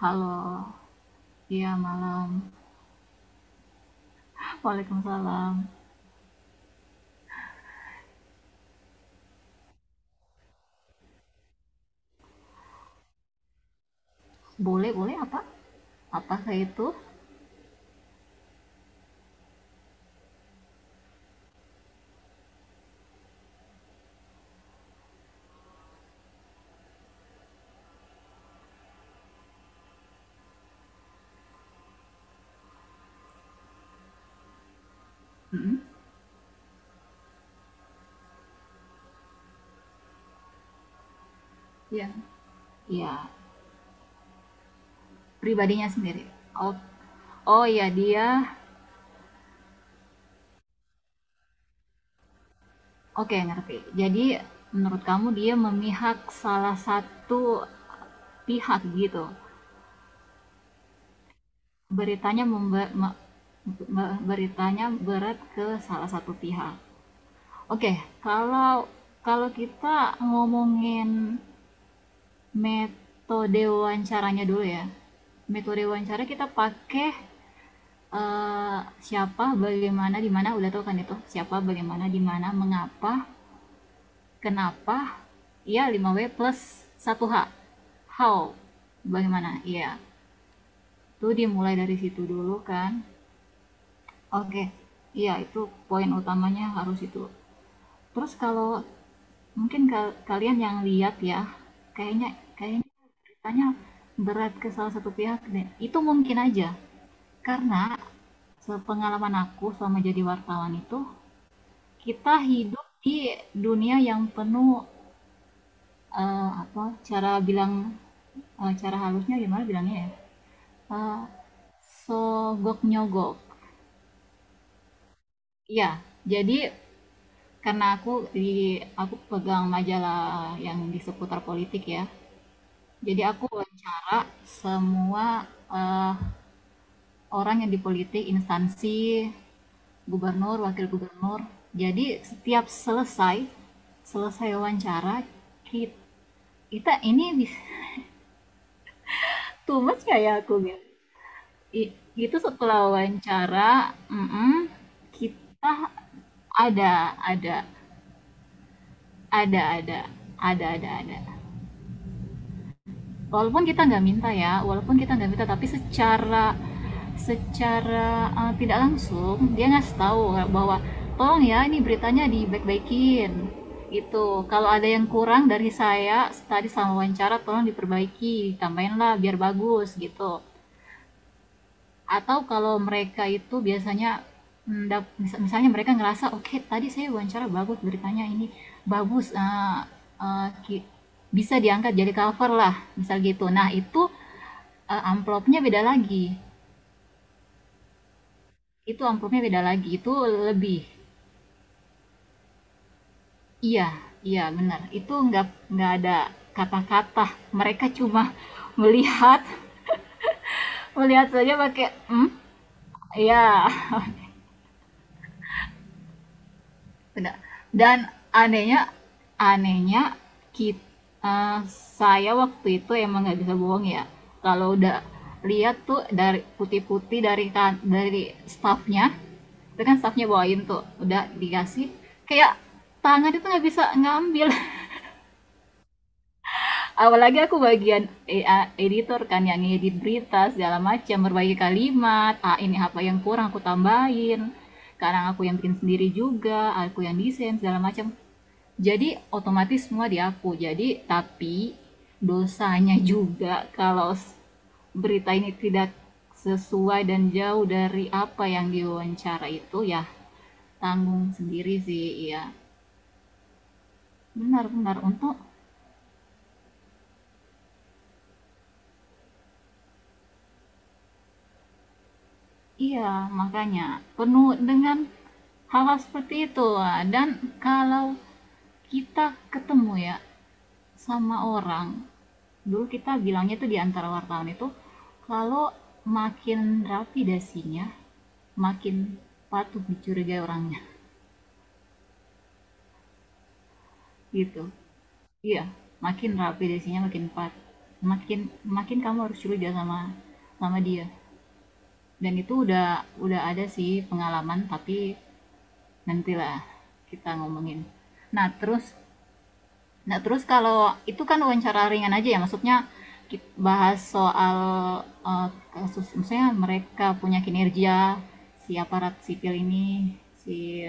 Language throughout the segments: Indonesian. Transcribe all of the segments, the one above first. Halo, iya malam. Waalaikumsalam. Boleh, boleh apa? Apa saya itu? Mm-mm. Iya. Iya, pribadinya sendiri. Oh, oh ya dia. Oke, ngerti. Jadi menurut kamu dia memihak salah satu pihak gitu. Beritanya memba- me- me- beritanya berat ke salah satu pihak. Oke, kalau kalau kita ngomongin metode wawancaranya dulu ya. Metode wawancara kita pakai siapa, bagaimana, di mana udah tau kan itu. Siapa, bagaimana, di mana, mengapa, kenapa. Ya 5W plus 1H. How. Bagaimana? Iya. Itu dimulai dari situ dulu kan. Oke. Iya, itu poin utamanya harus itu. Terus kalau mungkin kalian yang lihat ya, kayaknya kayak tanya berat ke salah satu pihak deh. Itu mungkin aja. Karena sepengalaman aku selama jadi wartawan itu, kita hidup di dunia yang penuh apa cara bilang cara halusnya gimana bilangnya ya? Eh, Sogok nyogok. Ya jadi karena aku pegang majalah yang di seputar politik ya. Jadi aku wawancara semua eh, orang yang di politik, instansi, gubernur, wakil gubernur. Jadi setiap selesai wawancara, kita, ini bisa tumes kayak aku gitu. Itu setelah wawancara, mm-mm, kita ada, ada, ada, ada, ada, ada. Walaupun kita nggak minta ya walaupun kita nggak minta tapi secara secara tidak langsung dia ngasih tahu bahwa tolong ya ini beritanya dibaik-baikin gitu, kalau ada yang kurang dari saya tadi sama wawancara tolong diperbaiki tambahin lah biar bagus gitu. Atau kalau mereka itu biasanya mm, misalnya mereka ngerasa oke okay, tadi saya wawancara bagus beritanya ini bagus, uh, bisa diangkat jadi cover lah misal gitu nah itu. Amplopnya beda lagi. Itu amplopnya beda lagi. Itu lebih. Iya, iya benar. Itu nggak ada kata-kata. Mereka cuma melihat, melihat saja pakai hmm, iya. Benar. Dan anehnya anehnya kita eee, saya waktu itu emang nggak bisa bohong ya, kalau udah lihat tuh dari putih-putih dari staffnya, itu kan staffnya bawain tuh, udah dikasih, kayak tangan itu nggak bisa ngambil. Apalagi aku bagian editor kan yang ngedit berita segala macam, berbagai kalimat, ah, ini apa yang kurang aku tambahin, kadang aku yang bikin sendiri juga, aku yang desain segala macam. Jadi otomatis semua diaku. Jadi tapi dosanya juga kalau berita ini tidak sesuai dan jauh dari apa yang diwawancara itu ya tanggung sendiri sih, iya benar-benar untuk iya, makanya penuh dengan hal seperti itu. Dan kalau kita ketemu ya sama orang, dulu kita bilangnya tuh di antara wartawan itu, kalau makin rapi dasinya makin patut dicurigai orangnya gitu. Iya, makin rapi dasinya makin pat makin makin kamu harus curiga sama sama dia, dan itu udah ada sih pengalaman, tapi nantilah kita ngomongin. Nah, terus. Nah, terus kalau itu kan wawancara ringan aja ya, maksudnya bahas soal eh, kasus, misalnya mereka punya kinerja, si aparat sipil ini, si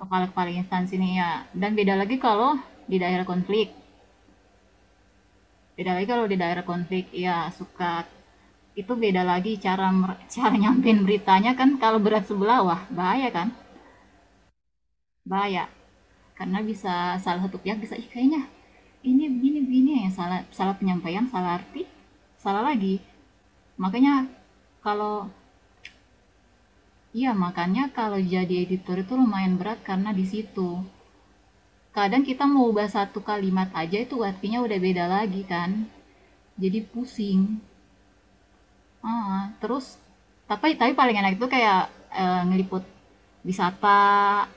kepala-kepala instansi ini ya. Dan beda lagi kalau di daerah konflik. Beda lagi kalau di daerah konflik, ya suka itu beda lagi cara cara nyampein beritanya kan, kalau berat sebelah wah bahaya kan. Bahaya, karena bisa salah satu pihak bisa, "Ih, kayaknya ini begini begini," yang salah, salah penyampaian, salah arti, salah lagi. Makanya kalau iya makanya kalau jadi editor itu lumayan berat karena di situ. Kadang kita mau ubah satu kalimat aja itu artinya udah beda lagi kan. Jadi pusing. Ah, terus tapi paling enak itu kayak ngeliput wisata.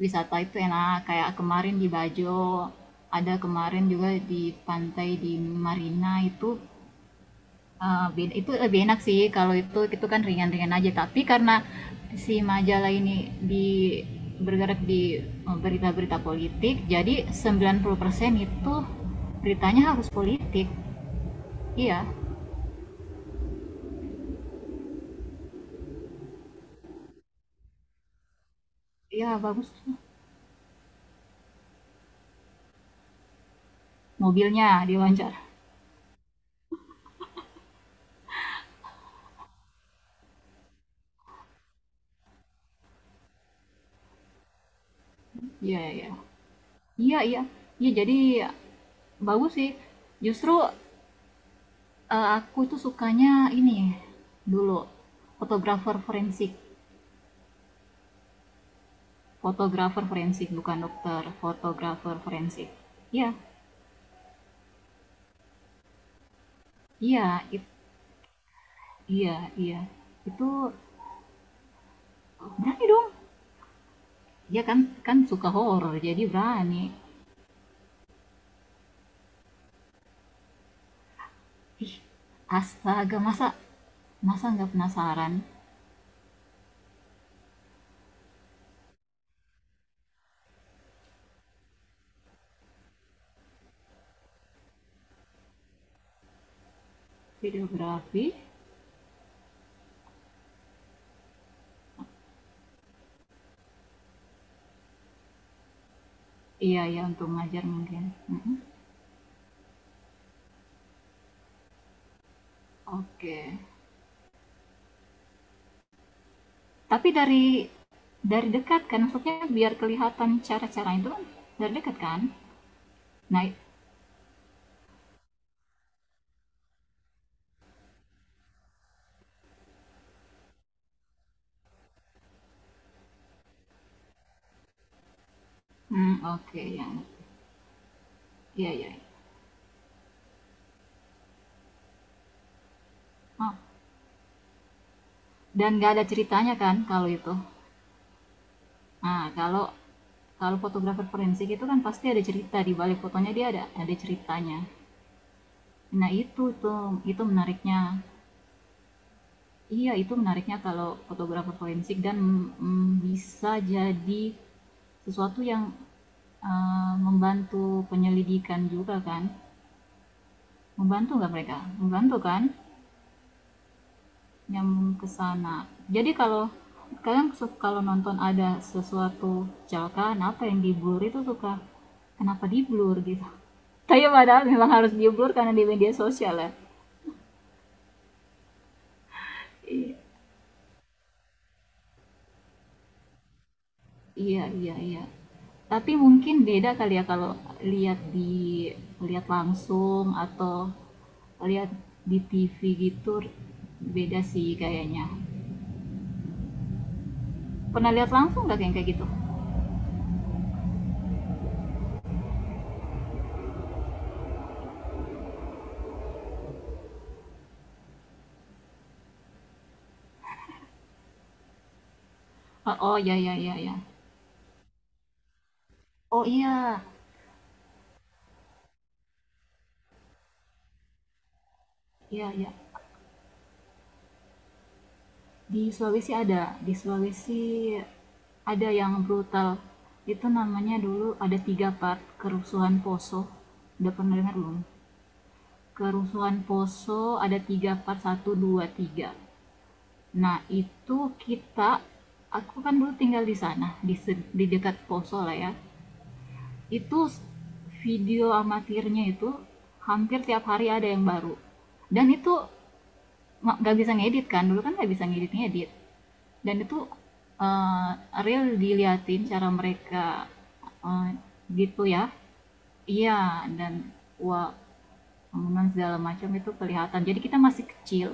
Wisata itu enak kayak kemarin di Bajo, ada kemarin juga di pantai di Marina itu, itu lebih enak sih, kalau itu kan ringan-ringan aja, tapi karena si majalah ini di bergerak di berita-berita politik, jadi 90% itu beritanya harus politik. Iya iya bagus. Mobilnya diwawancara. Iya iya, iya iya iya, jadi bagus sih justru. Aku itu sukanya ini, dulu, fotografer forensik. Fotografer forensik, bukan dokter, fotografer forensik. Iya, iya, it iya, iya. Itu berani dong. Dia kan kan suka horor, jadi berani. Ih, astaga, masa masa nggak penasaran? Videografi? Iya iya, untuk ngajar mungkin, mhm, oke. Tapi dari dekat kan? Maksudnya biar kelihatan cara cara itu kan dari dekat kan? Nah, oke ya, iya iya. Oh, dan nggak ada ceritanya kan kalau itu? Nah, kalau kalau fotografer forensik itu kan pasti ada cerita, di balik fotonya dia ada ceritanya. Nah, itu tuh, itu menariknya. Iya, itu menariknya kalau fotografer forensik, dan, bisa jadi sesuatu yang, membantu penyelidikan juga kan. Membantu nggak mereka? Membantu kan? Nyambung ke sana. Jadi kalau kalian kalau nonton ada sesuatu kecelakaan apa yang di blur itu suka kenapa di blur gitu. Tapi padahal memang harus di blur karena di media sosial ya. Iya iya iya. Tapi mungkin beda kali ya kalau lihat langsung atau lihat di TV gitu, beda sih kayaknya. Pernah lihat langsung nggak kayak kayak gitu? Oh, oh ya ya ya ya. Oh iya iya iya. Di Sulawesi ada yang brutal. Itu namanya dulu ada tiga part, kerusuhan Poso. Udah pernah dengar belum? Kerusuhan Poso ada tiga part, satu, dua, tiga. Nah, itu kita, aku kan dulu tinggal di sana, di dekat Poso lah ya. Itu video amatirnya itu hampir tiap hari ada yang baru. Dan itu nggak bisa ngedit kan, dulu kan nggak bisa ngedit-ngedit. Dan itu eh, real diliatin cara mereka eh, gitu ya. Iya, dan wah bangunan segala macam itu kelihatan. Jadi kita masih kecil,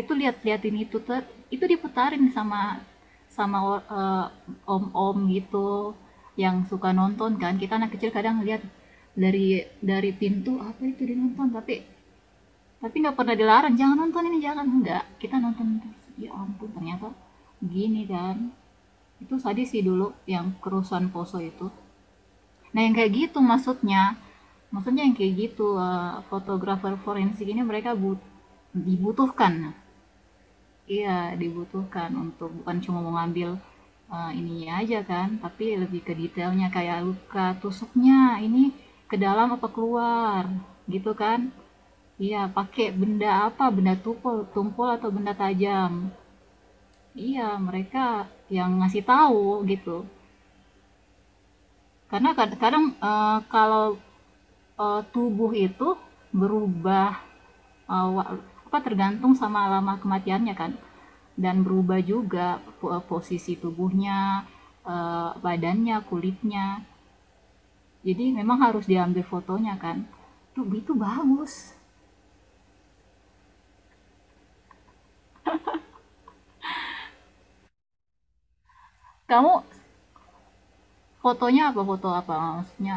itu lihat-liatin itu tuh, itu diputarin sama sama or- eh, om-om gitu yang suka nonton kan. Kita anak kecil kadang lihat dari pintu apa itu dinonton, tapi nggak pernah dilarang jangan nonton ini, jangan, enggak, kita nonton terus. Ya ampun, ternyata gini kan. Itu tadi sih dulu, yang kerusuhan Poso itu. Nah, yang kayak gitu maksudnya. Maksudnya yang kayak gitu fotografer forensik ini mereka dibutuhkan. Iya, dibutuhkan untuk bukan cuma mau ngambil ininya aja kan, tapi lebih ke detailnya kayak luka tusuknya ini ke dalam apa keluar gitu kan. Iya, pakai benda apa? Benda tumpul, tumpul atau benda tajam. Iya, mereka yang ngasih tahu gitu. Karena kadang-kadang kalau tubuh itu berubah eh, apa, tergantung sama lama kematiannya kan, dan berubah juga posisi tubuhnya, badannya, kulitnya. Jadi memang harus diambil fotonya kan. Tuh itu bagus. Kamu fotonya apa, foto apa? Maksudnya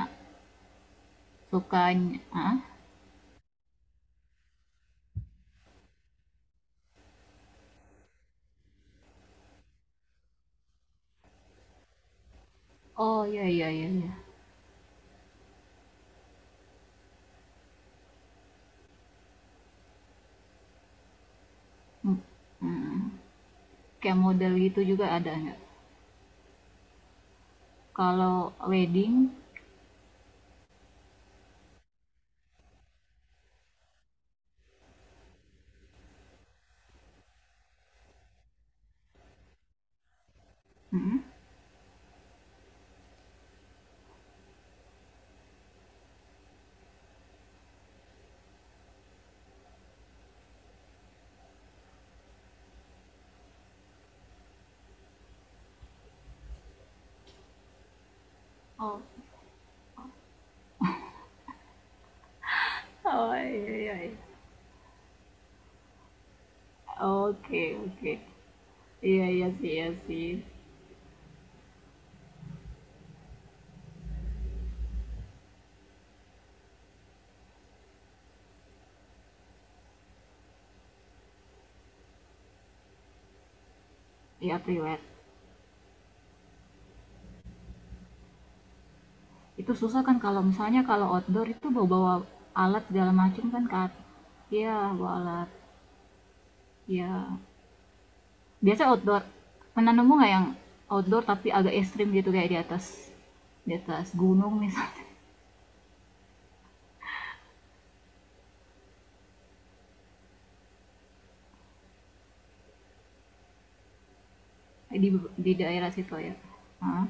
sukanya ah? Oh iya iya iya iya. Hmm. Kayak model gitu juga ada nggak? Kalau wedding, hmm. Oh, oh, iya, iya, iya. Oke, oke. Iya, iya sih, iya sih. Iya, priwet. Itu susah kan kalau misalnya kalau outdoor itu bawa-bawa alat segala macam kan, Kak. Iya, bawa alat. Iya. Biasa outdoor. Pernah nemu nggak yang outdoor tapi agak ekstrim, gitu kayak di atas gunung misalnya. Di daerah situ ya. Hah?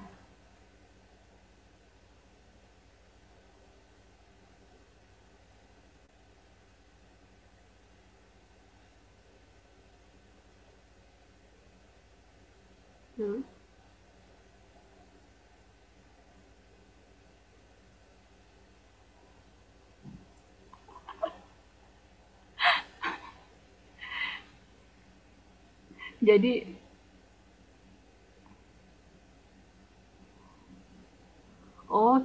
Terus? Jadi, oh,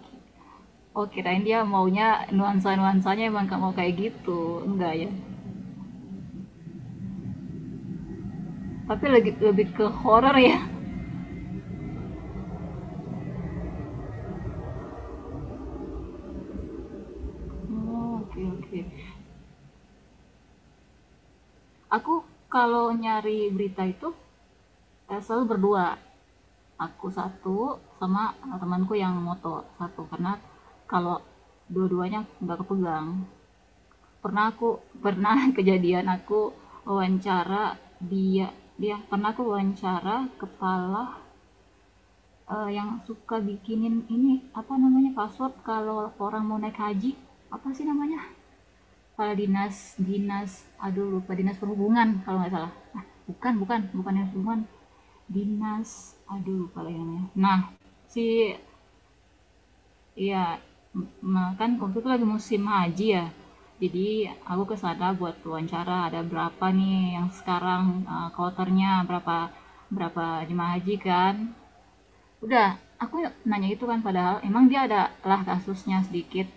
oh kirain dia maunya nuansa-nuansanya emang nggak mau kayak gitu. Enggak ya. Tapi lebih lebih ke horror ya. Oh, oke oke. Aku kalau nyari berita itu selalu berdua. Aku satu sama temanku yang moto satu, karena kalau dua-duanya nggak kepegang. Pernah aku pernah kejadian, aku wawancara dia, pernah aku wawancara kepala yang suka bikinin ini apa namanya, password kalau orang mau naik haji, apa sih namanya. Kalau dinas dinas aduh lupa, dinas perhubungan kalau nggak salah. Ah, bukan bukan bukan dinas perhubungan, dinas, aduh lupa lagi namanya. Nah, si iya kan waktu itu lagi musim haji ya. Jadi aku ke sana buat wawancara ada berapa nih yang sekarang kloternya berapa berapa jemaah haji kan. Udah, aku nanya itu kan, padahal emang dia ada lah kasusnya sedikit.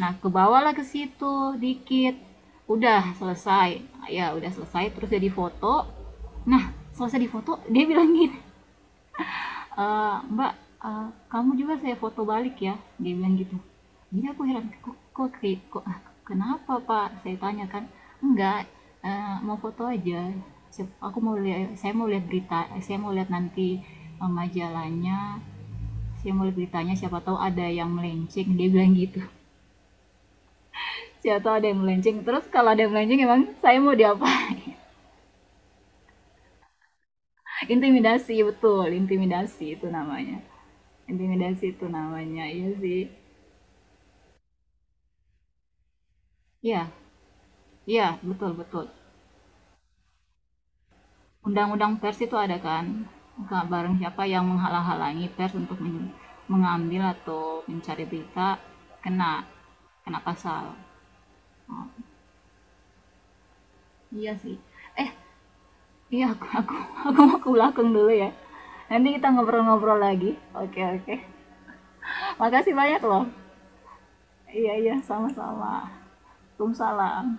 Nah, ke bawah lah ke situ dikit. Udah selesai. Ya, udah selesai terus jadi foto. Nah, selesai di foto dia bilang gini, Mbak, kamu juga saya foto balik ya." Dia bilang gitu. Jadi aku heran, "Kok kok, kayak- kok ah, kenapa, Pak?" Saya tanya kan. "Enggak, mau foto aja. Aku mau lihat Saya mau lihat berita, saya mau lihat nanti majalahnya." Saya mau lihat beritanya, siapa tahu ada yang melenceng, dia bilang gitu. Siapa tahu ada yang melenceng. Terus kalau ada yang melenceng emang saya mau diapain? Intimidasi betul, intimidasi itu namanya. Intimidasi itu namanya. Iya sih. Iya, iya betul betul. Undang-undang pers itu ada kan? Nggak bareng siapa yang menghalang-halangi pers untuk mengambil atau mencari berita, kena kena pasal. Oh, iya sih. Eh, iya aku mau ke belakang dulu ya. Nanti kita ngobrol-ngobrol lagi. Oke, oke. Makasih banyak loh. Iya iya sama-sama. Waalaikumsalam.